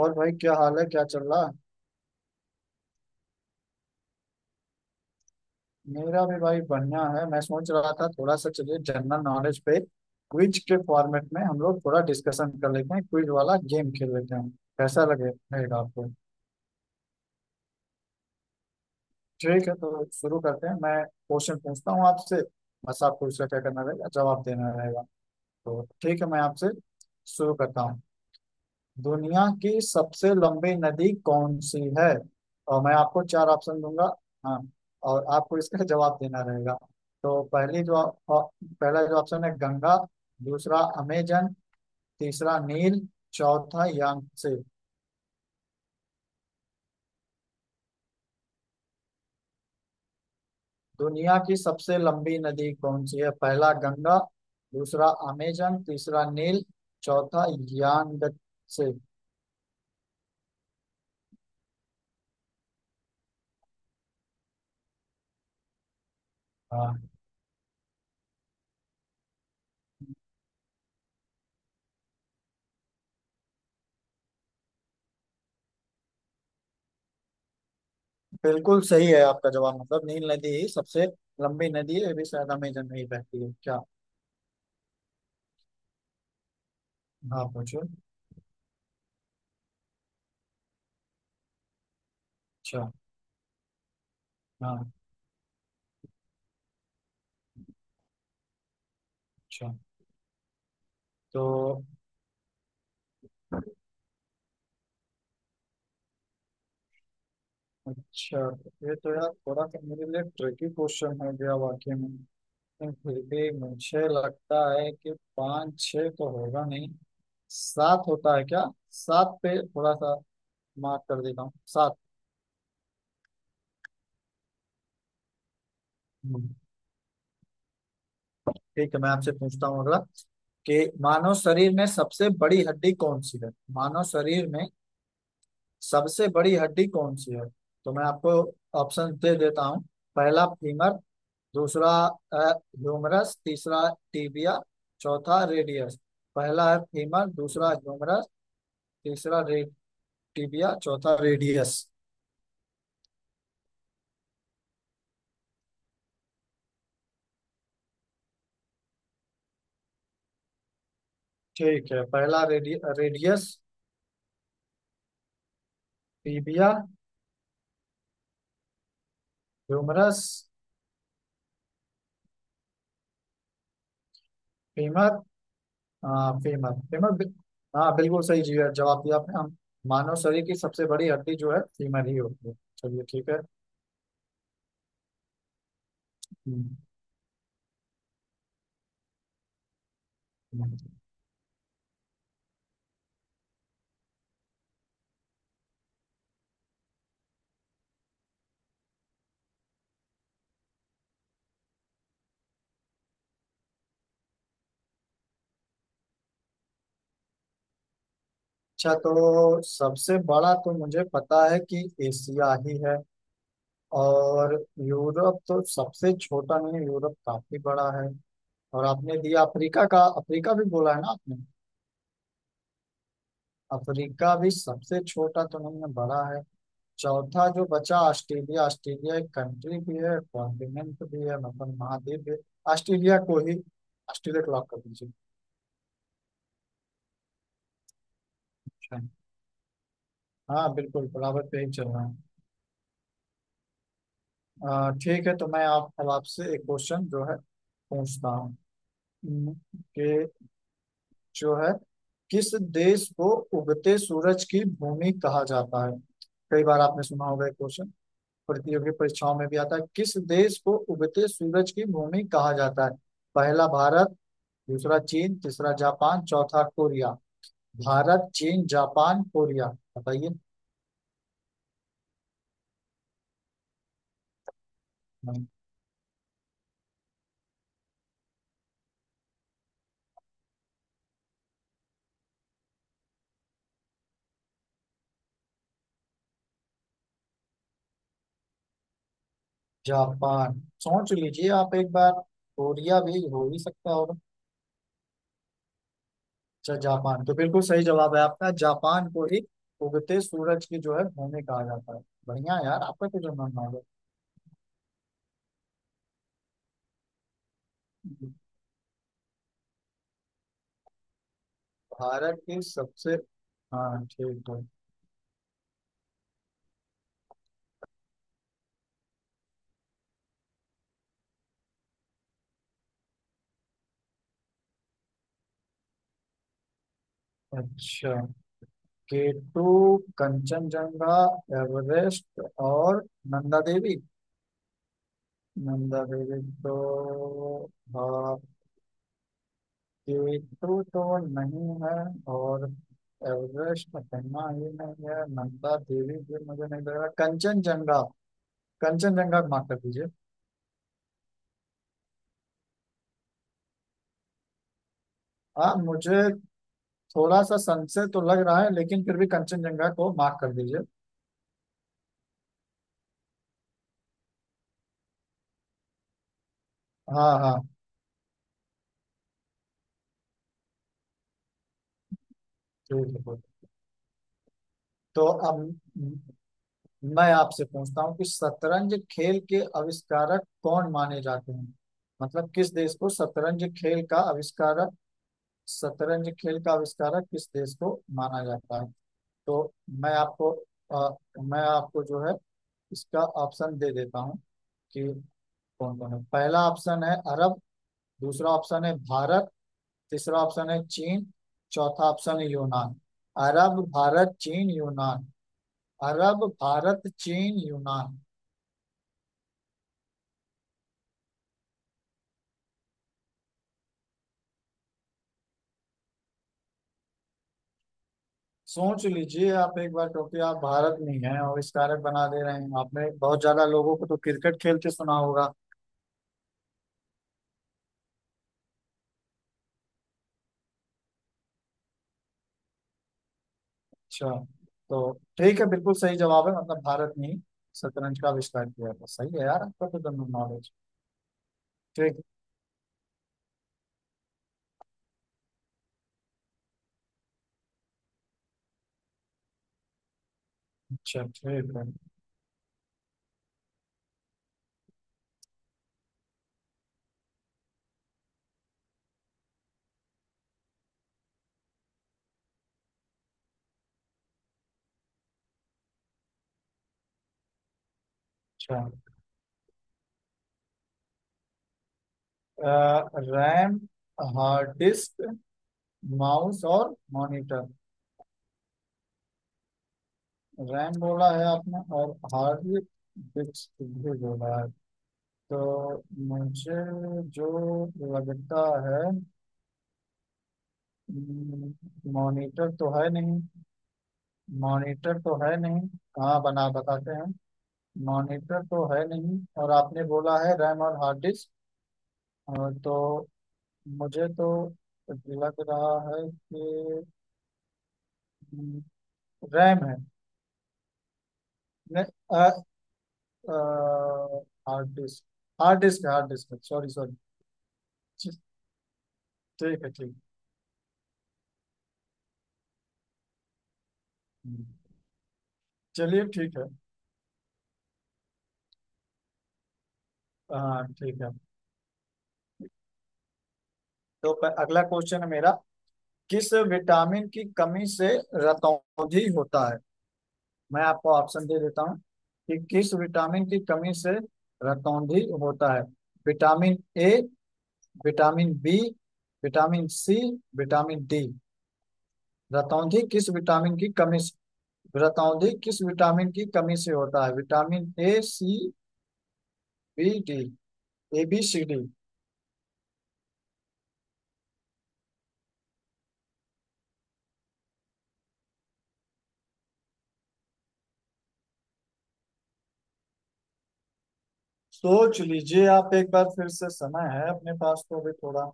और भाई, क्या हाल है? क्या चल रहा? मेरा भी भाई बढ़िया है। मैं सोच रहा था, थोड़ा सा चलिए जनरल नॉलेज पे क्विज के फॉर्मेट में हम लोग थोड़ा डिस्कशन कर लेते हैं, क्विज वाला गेम खेल लेते हैं। कैसा लगे रहेगा आपको? ठीक है, तो शुरू करते हैं। मैं क्वेश्चन पूछता हूँ आपसे। बस आपको उसका क्या करना रहेगा, जवाब देना रहेगा। तो ठीक है, मैं आपसे शुरू करता हूँ। दुनिया की सबसे लंबी नदी कौन सी है? और मैं आपको चार ऑप्शन दूंगा। हाँ। और आपको इसका जवाब देना रहेगा। तो पहली जो पहला जो ऑप्शन है गंगा, दूसरा अमेजन, तीसरा नील, चौथा यांगसे। दुनिया की सबसे लंबी नदी कौन सी है? पहला गंगा, दूसरा अमेजन, तीसरा नील, चौथा यांगसे। हाँ, बिल्कुल सही है आपका जवाब। मतलब नील नदी ही सबसे लंबी नदी है। ये भी शायद अमेजन में ही बहती है क्या? हाँ, पूछो। अच्छा। हाँ। अच्छा। तो अच्छा, ये तो यार थोड़ा सा मेरे लिए ट्रिकी क्वेश्चन हो गया वाकई में। लेकिन फिर भी मुझे लगता है कि पाँच छः तो होगा नहीं। सात होता है क्या? सात पे थोड़ा सा मार्क कर देता हूँ, सात। हम्म, ठीक है, मैं आपसे पूछता हूँ अगला, कि मानव शरीर में सबसे बड़ी हड्डी कौन सी है। मानव शरीर में सबसे बड़ी हड्डी कौन सी है? तो मैं आपको ऑप्शन दे देता हूँ। पहला फीमर, दूसरा ह्यूमरस, तीसरा टीबिया, चौथा रेडियस। पहला है फीमर, दूसरा ह्यूमरस, तीसरा टीबिया, चौथा रेडियस। ठीक है, पहला रेडियस। टीबिया। ह्यूमरस। फीमर। हाँ, फीमर फीमर हाँ, बिल्कुल सही जी है जवाब दिया आपने। हम मानव शरीर की सबसे बड़ी हड्डी जो है, फीमर ही होती है। चलिए ठीक है। हम्म, हम्म। अच्छा, तो सबसे बड़ा तो मुझे पता है कि एशिया ही है। और यूरोप तो सबसे छोटा नहीं है, यूरोप काफी बड़ा है। और आपने दिया अफ्रीका का, अफ्रीका भी बोला है ना आपने? अफ्रीका भी सबसे छोटा तो नहीं है, बड़ा है। चौथा जो बचा ऑस्ट्रेलिया। ऑस्ट्रेलिया एक कंट्री भी है, कॉन्टिनेंट भी है, मतलब महाद्वीप भी है। ऑस्ट्रेलिया को ही ऑस्ट्रेलिया को लॉक कर दीजिए। अच्छा। हाँ, बिल्कुल बराबर पे ही चल रहा है। ठीक है, तो मैं आप अब आपसे एक क्वेश्चन जो है पूछता हूँ। ये जो है, किस देश को उगते सूरज की भूमि कहा जाता है? कई बार आपने सुना होगा ये क्वेश्चन। प्रतियोगी परीक्षाओं में भी आता है। किस देश को उगते सूरज की भूमि कहा जाता है? पहला भारत, दूसरा चीन, तीसरा जापान, चौथा कोरिया। भारत, चीन, जापान, कोरिया। बताइए। नहीं, जापान सोच लीजिए आप एक बार। कोरिया भी हो ही सकता होगा। अच्छा, जापान तो बिल्कुल सही जवाब है आपका। जापान को एक उगते सूरज की जो है भूमि कहा जाता है। बढ़िया यार, आपका तो जो नाम है। भारत की सबसे। हाँ, ठीक है। अच्छा, केटू, कंचनजंगा, एवरेस्ट और नंदा देवी। नंदा देवी तो, हाँ, केटू तो नहीं है। और एवरेस्ट पन्ना ही नहीं है। नंदा देवी भी मुझे नहीं लग रहा। कंचनजंगा। कंचनजंगा, माफ कर दीजिए। हाँ, मुझे थोड़ा सा संशय तो लग रहा है, लेकिन फिर भी कंचनजंगा को मार्क कर दीजिए। हाँ, हाँ। ठीक है। तो अब मैं आपसे पूछता हूँ कि शतरंज खेल के आविष्कारक कौन माने जाते हैं। मतलब किस देश को शतरंज खेल का आविष्कारक, शतरंज खेल का आविष्कारक किस देश को माना जाता है? तो मैं आपको मैं आपको जो है इसका ऑप्शन दे देता हूँ कि कौन कौन है। पहला ऑप्शन है अरब, दूसरा ऑप्शन है भारत, तीसरा ऑप्शन है चीन, चौथा ऑप्शन है यूनान। अरब, भारत, चीन, यूनान। अरब, भारत, चीन, यूनान। सोच लीजिए आप एक बार, क्योंकि आप भारत में हैं और इस कारक बना दे रहे हैं आपने। बहुत ज्यादा लोगों को तो क्रिकेट खेलते सुना होगा। अच्छा, तो ठीक है, बिल्कुल सही जवाब है। मतलब भारत ने ही शतरंज का आविष्कार किया था। सही है यार, आपका तो दोनों नॉलेज। ठीक। अच्छा, ठीक है। अच्छा, रैम, हार्ड डिस्क, माउस और मॉनिटर। रैम बोला है आपने, और हार्ड डिस्क भी बोला है। तो मुझे जो लगता है, हम्म, मॉनिटर तो है नहीं। मॉनिटर तो है नहीं। हाँ, बना बताते हैं। मॉनिटर तो है नहीं, और आपने बोला है रैम और हार्ड डिस्क। अ, तो मुझे तो लग रहा है कि हम्म, रैम है। नहीं, अ, अ, hard disk, hard disk, hard disk. Sorry, sorry. ठीक है, ठीक है। चलिए ठीक है। हाँ, ठीक है। तो अगला क्वेश्चन है मेरा, किस विटामिन की कमी से रतौंधी होता है। मैं आपको ऑप्शन दे देता हूँ कि किस विटामिन की कमी से रतौंधी होता है। Vitamin A, vitamin B, vitamin C, vitamin D. रतौंधी किस विटामिन की कमी से, रतौंधी किस विटामिन की कमी से होता है? Vitamin A, C, B, D. A, B, C, D. सोच लीजिए आप एक बार फिर से, समय है अपने पास, तो अभी थोड़ा।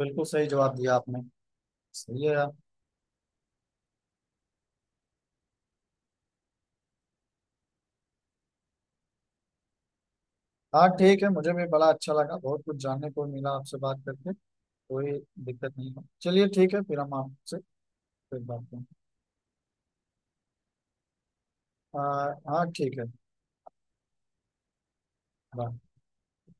बिल्कुल सही जवाब दिया आपने। सही है यार। हाँ, ठीक है, मुझे भी बड़ा अच्छा लगा। बहुत कुछ जानने को मिला आपसे बात करके। कोई दिक्कत नहीं है, चलिए ठीक है, फिर हम आपसे फिर बात करें। आ, हाँ, ठीक है। बाय।